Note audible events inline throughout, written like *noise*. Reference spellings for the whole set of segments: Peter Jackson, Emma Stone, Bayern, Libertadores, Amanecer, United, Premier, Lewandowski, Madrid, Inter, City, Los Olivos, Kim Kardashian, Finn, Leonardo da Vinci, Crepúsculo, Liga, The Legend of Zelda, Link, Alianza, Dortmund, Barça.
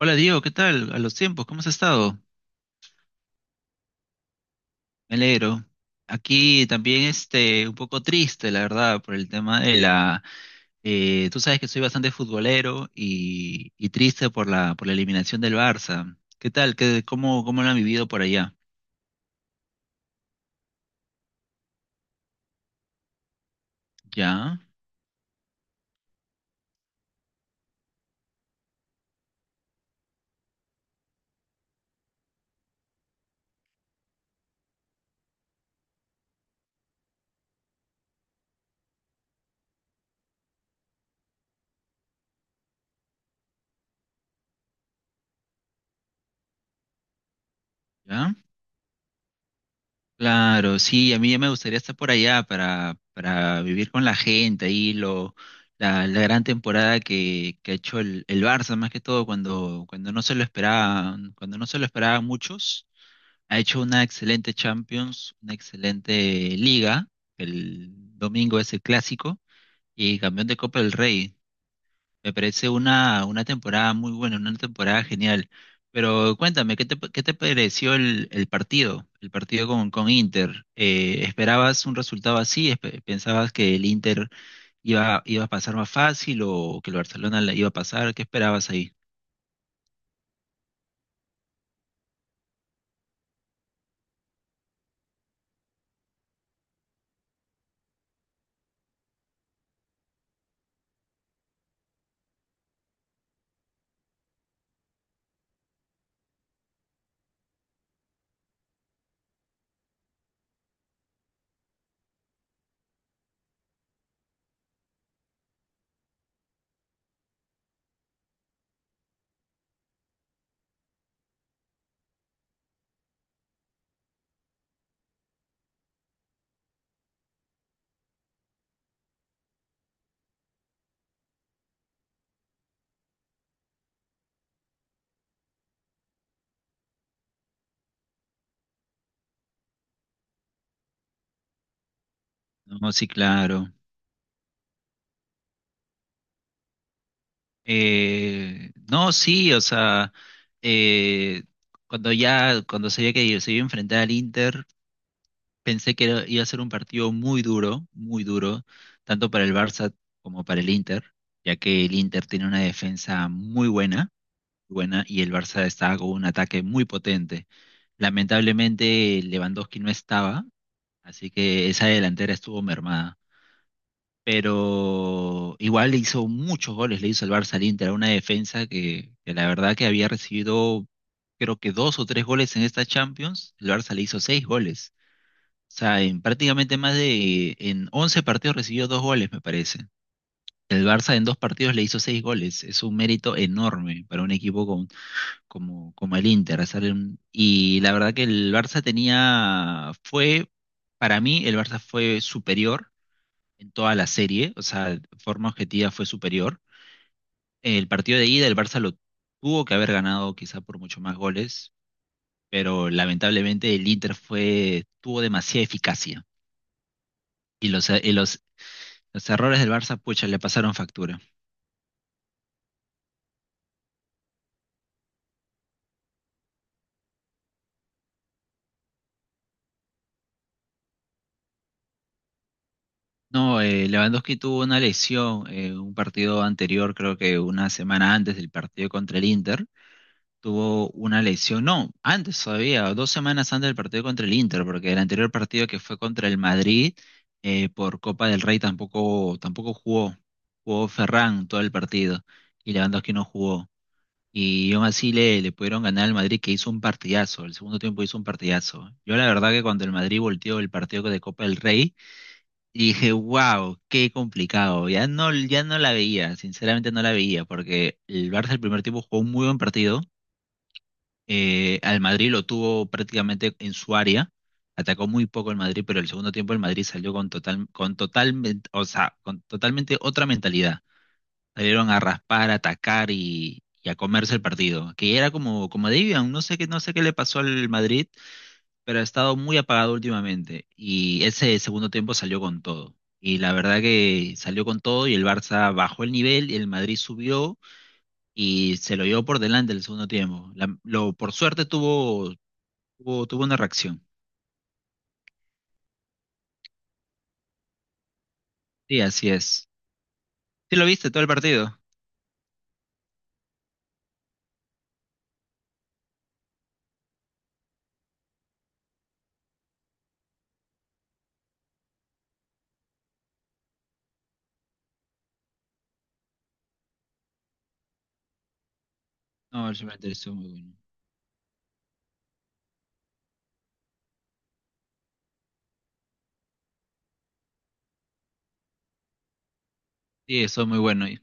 Hola Diego, ¿qué tal? A los tiempos, ¿cómo has estado? Me alegro. Aquí también este, un poco triste, la verdad, por el tema de la tú sabes que soy bastante futbolero y triste por la eliminación del Barça. ¿Qué tal? ¿Cómo lo han vivido por allá? ¿Ya? ¿Ya? Claro, sí, a mí ya me gustaría estar por allá para vivir con la gente ahí, la gran temporada que ha hecho el Barça, más que todo cuando no se lo esperaba, cuando no se lo esperaban muchos. Ha hecho una excelente Champions, una excelente Liga. El domingo es el clásico y campeón de Copa del Rey. Me parece una temporada muy buena, una temporada genial. Pero cuéntame, ¿qué te pareció el partido? El partido con Inter. ¿Esperabas un resultado así? ¿Pensabas que el Inter iba a pasar más fácil o que el Barcelona la iba a pasar? ¿Qué esperabas ahí? No, sí, claro. No, sí, o sea, eh, cuando sabía que se iba a enfrentar al Inter, pensé que iba a ser un partido muy duro, tanto para el Barça como para el Inter, ya que el Inter tiene una defensa muy buena, buena, y el Barça estaba con un ataque muy potente. Lamentablemente, Lewandowski no estaba, así que esa delantera estuvo mermada, pero igual le hizo muchos goles, le hizo el Barça al Inter, a una defensa que la verdad que había recibido creo que dos o tres goles en esta Champions, el Barça le hizo seis goles. O sea, en prácticamente en 11 partidos recibió dos goles, me parece. El Barça en dos partidos le hizo seis goles. Es un mérito enorme para un equipo como el Inter. Y la verdad que el Barça tenía, fue, para mí, el Barça fue superior en toda la serie, o sea, de forma objetiva fue superior. El partido de ida, el Barça lo tuvo que haber ganado quizá por mucho más goles, pero lamentablemente el Inter tuvo demasiada eficacia y los errores del Barça, pucha, le pasaron factura. No, Lewandowski tuvo una lesión, un partido anterior, creo que una semana antes del partido contra el Inter, tuvo una lesión, no, antes todavía, dos semanas antes del partido contra el Inter, porque el anterior partido que fue contra el Madrid, por Copa del Rey tampoco jugó, jugó Ferran todo el partido y Lewandowski no jugó. Y aún así le pudieron ganar al Madrid, que hizo un partidazo. El segundo tiempo hizo un partidazo. Yo la verdad que cuando el Madrid volteó el partido de Copa del Rey, dije, wow, qué complicado. Ya no, ya no la veía, sinceramente no la veía, porque el Barça el primer tiempo jugó un muy buen partido, al Madrid lo tuvo prácticamente en su área. Atacó muy poco el Madrid, pero el segundo tiempo el Madrid salió con total, con totalmente, o sea, con totalmente otra mentalidad. Salieron a raspar, a atacar y a comerse el partido, que era como debían. No sé qué le pasó al Madrid, pero ha estado muy apagado últimamente. Y ese segundo tiempo salió con todo. Y la verdad que salió con todo, y el Barça bajó el nivel y el Madrid subió y se lo llevó por delante el segundo tiempo. Por suerte tuvo una reacción. Sí, así es. ¿Sí lo viste todo el partido? No, el primer tiempo estuvo muy bueno. Sí, estuvo muy bueno.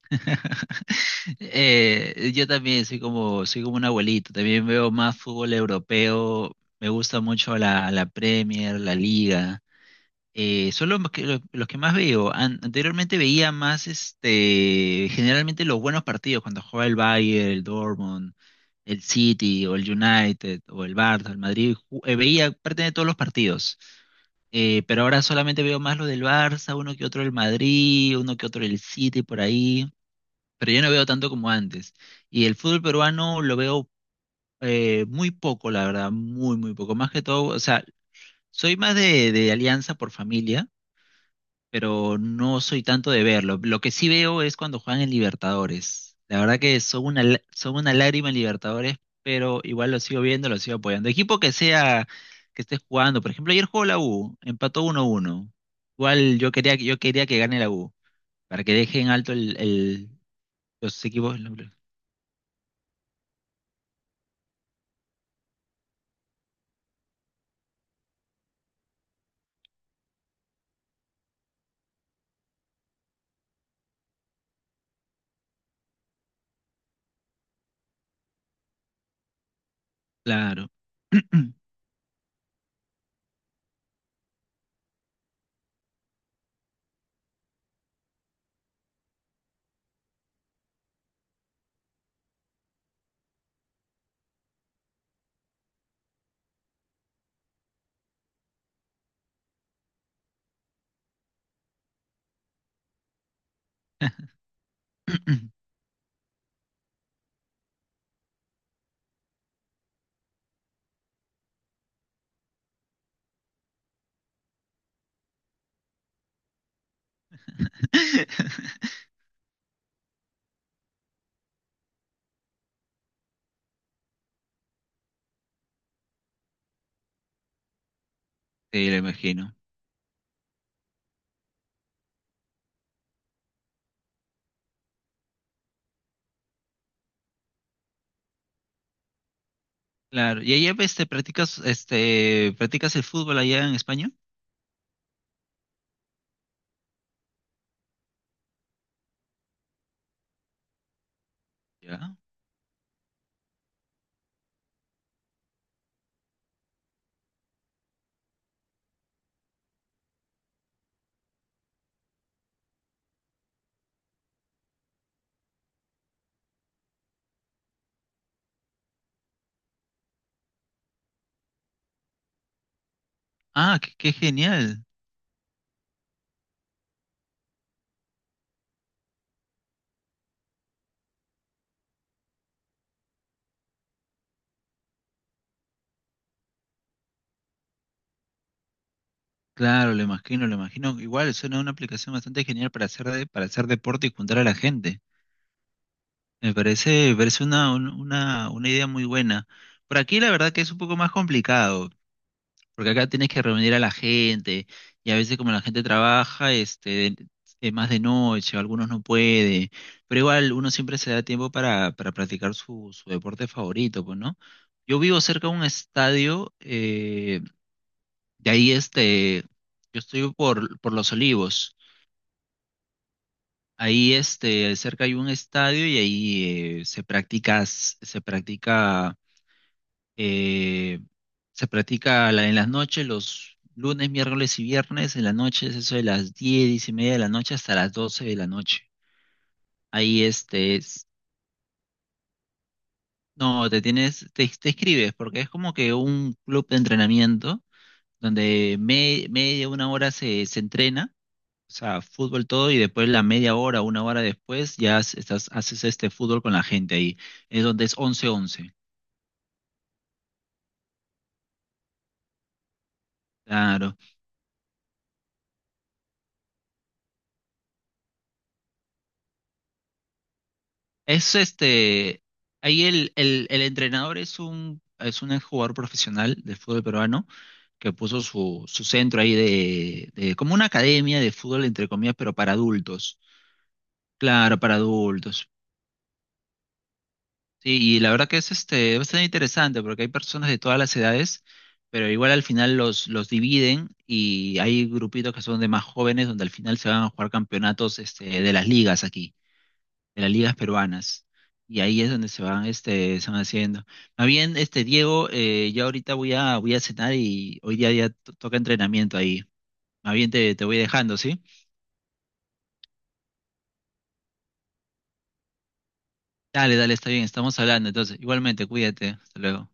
*laughs* Yo también soy como un abuelito. También veo más fútbol europeo. Me gusta mucho la Premier, la Liga. Son los que más veo. Anteriormente veía más, este, generalmente los buenos partidos cuando jugaba el Bayern, el Dortmund, el City o el United o el Barça, el Madrid. Veía parte de todos los partidos. Pero ahora solamente veo más lo del Barça, uno que otro el Madrid, uno que otro el City por ahí, pero yo no veo tanto como antes. Y el fútbol peruano lo veo, muy poco, la verdad, muy poco. Más que todo, o sea, soy más de Alianza por familia, pero no soy tanto de verlo. Lo que sí veo es cuando juegan en Libertadores. La verdad que son una, son una lágrima en Libertadores, pero igual lo sigo viendo, lo sigo apoyando. Equipo que sea, que esté jugando. Por ejemplo, ayer jugó la U, empató 1-1. Igual yo quería, yo quería que gane la U, para que dejen alto los equipos. Claro. *clears throat* Sí, lo imagino. Claro. ¿Y allá, este, practicas el fútbol allá en España? Ya. Ah, qué genial. Claro, lo imagino, lo imagino. Igual suena una aplicación bastante genial para para hacer deporte y juntar a la gente. Me parece una idea muy buena. Por aquí la verdad que es un poco más complicado, porque acá tienes que reunir a la gente, y a veces como la gente trabaja, este, es más de noche, algunos no puede, pero igual uno siempre se da tiempo para practicar su deporte favorito, pues, ¿no? Yo vivo cerca de un estadio. De ahí, este, yo estoy por Los Olivos. Ahí, este, cerca hay un estadio, y ahí, se practica, se practica, eh, en las noches, los lunes, miércoles y viernes, en las noches, eso de las 10 10 y media de la noche hasta las 12 de la noche. Ahí, este, no, te inscribes porque es como que un club de entrenamiento donde media, una hora se, se entrena. O sea, fútbol todo, y después la media hora, una hora después, ya haces este fútbol con la gente ahí. Es donde es once once. Claro. Es este, ahí el entrenador es es un jugador profesional de fútbol peruano, que puso su centro ahí como una academia de fútbol, entre comillas, pero para adultos. Claro, para adultos. Sí, y la verdad que es este bastante interesante, porque hay personas de todas las edades, pero igual al final los dividen y hay grupitos que son de más jóvenes, donde al final se van a jugar campeonatos este, de las ligas aquí, de las ligas peruanas. Y ahí es donde se van, este, se van haciendo. Más bien, este, Diego, ya ahorita voy a, voy a cenar, y hoy día ya toca entrenamiento ahí. Más bien te, te voy dejando, ¿sí? Dale, dale, está bien, estamos hablando. Entonces, igualmente, cuídate. Hasta luego.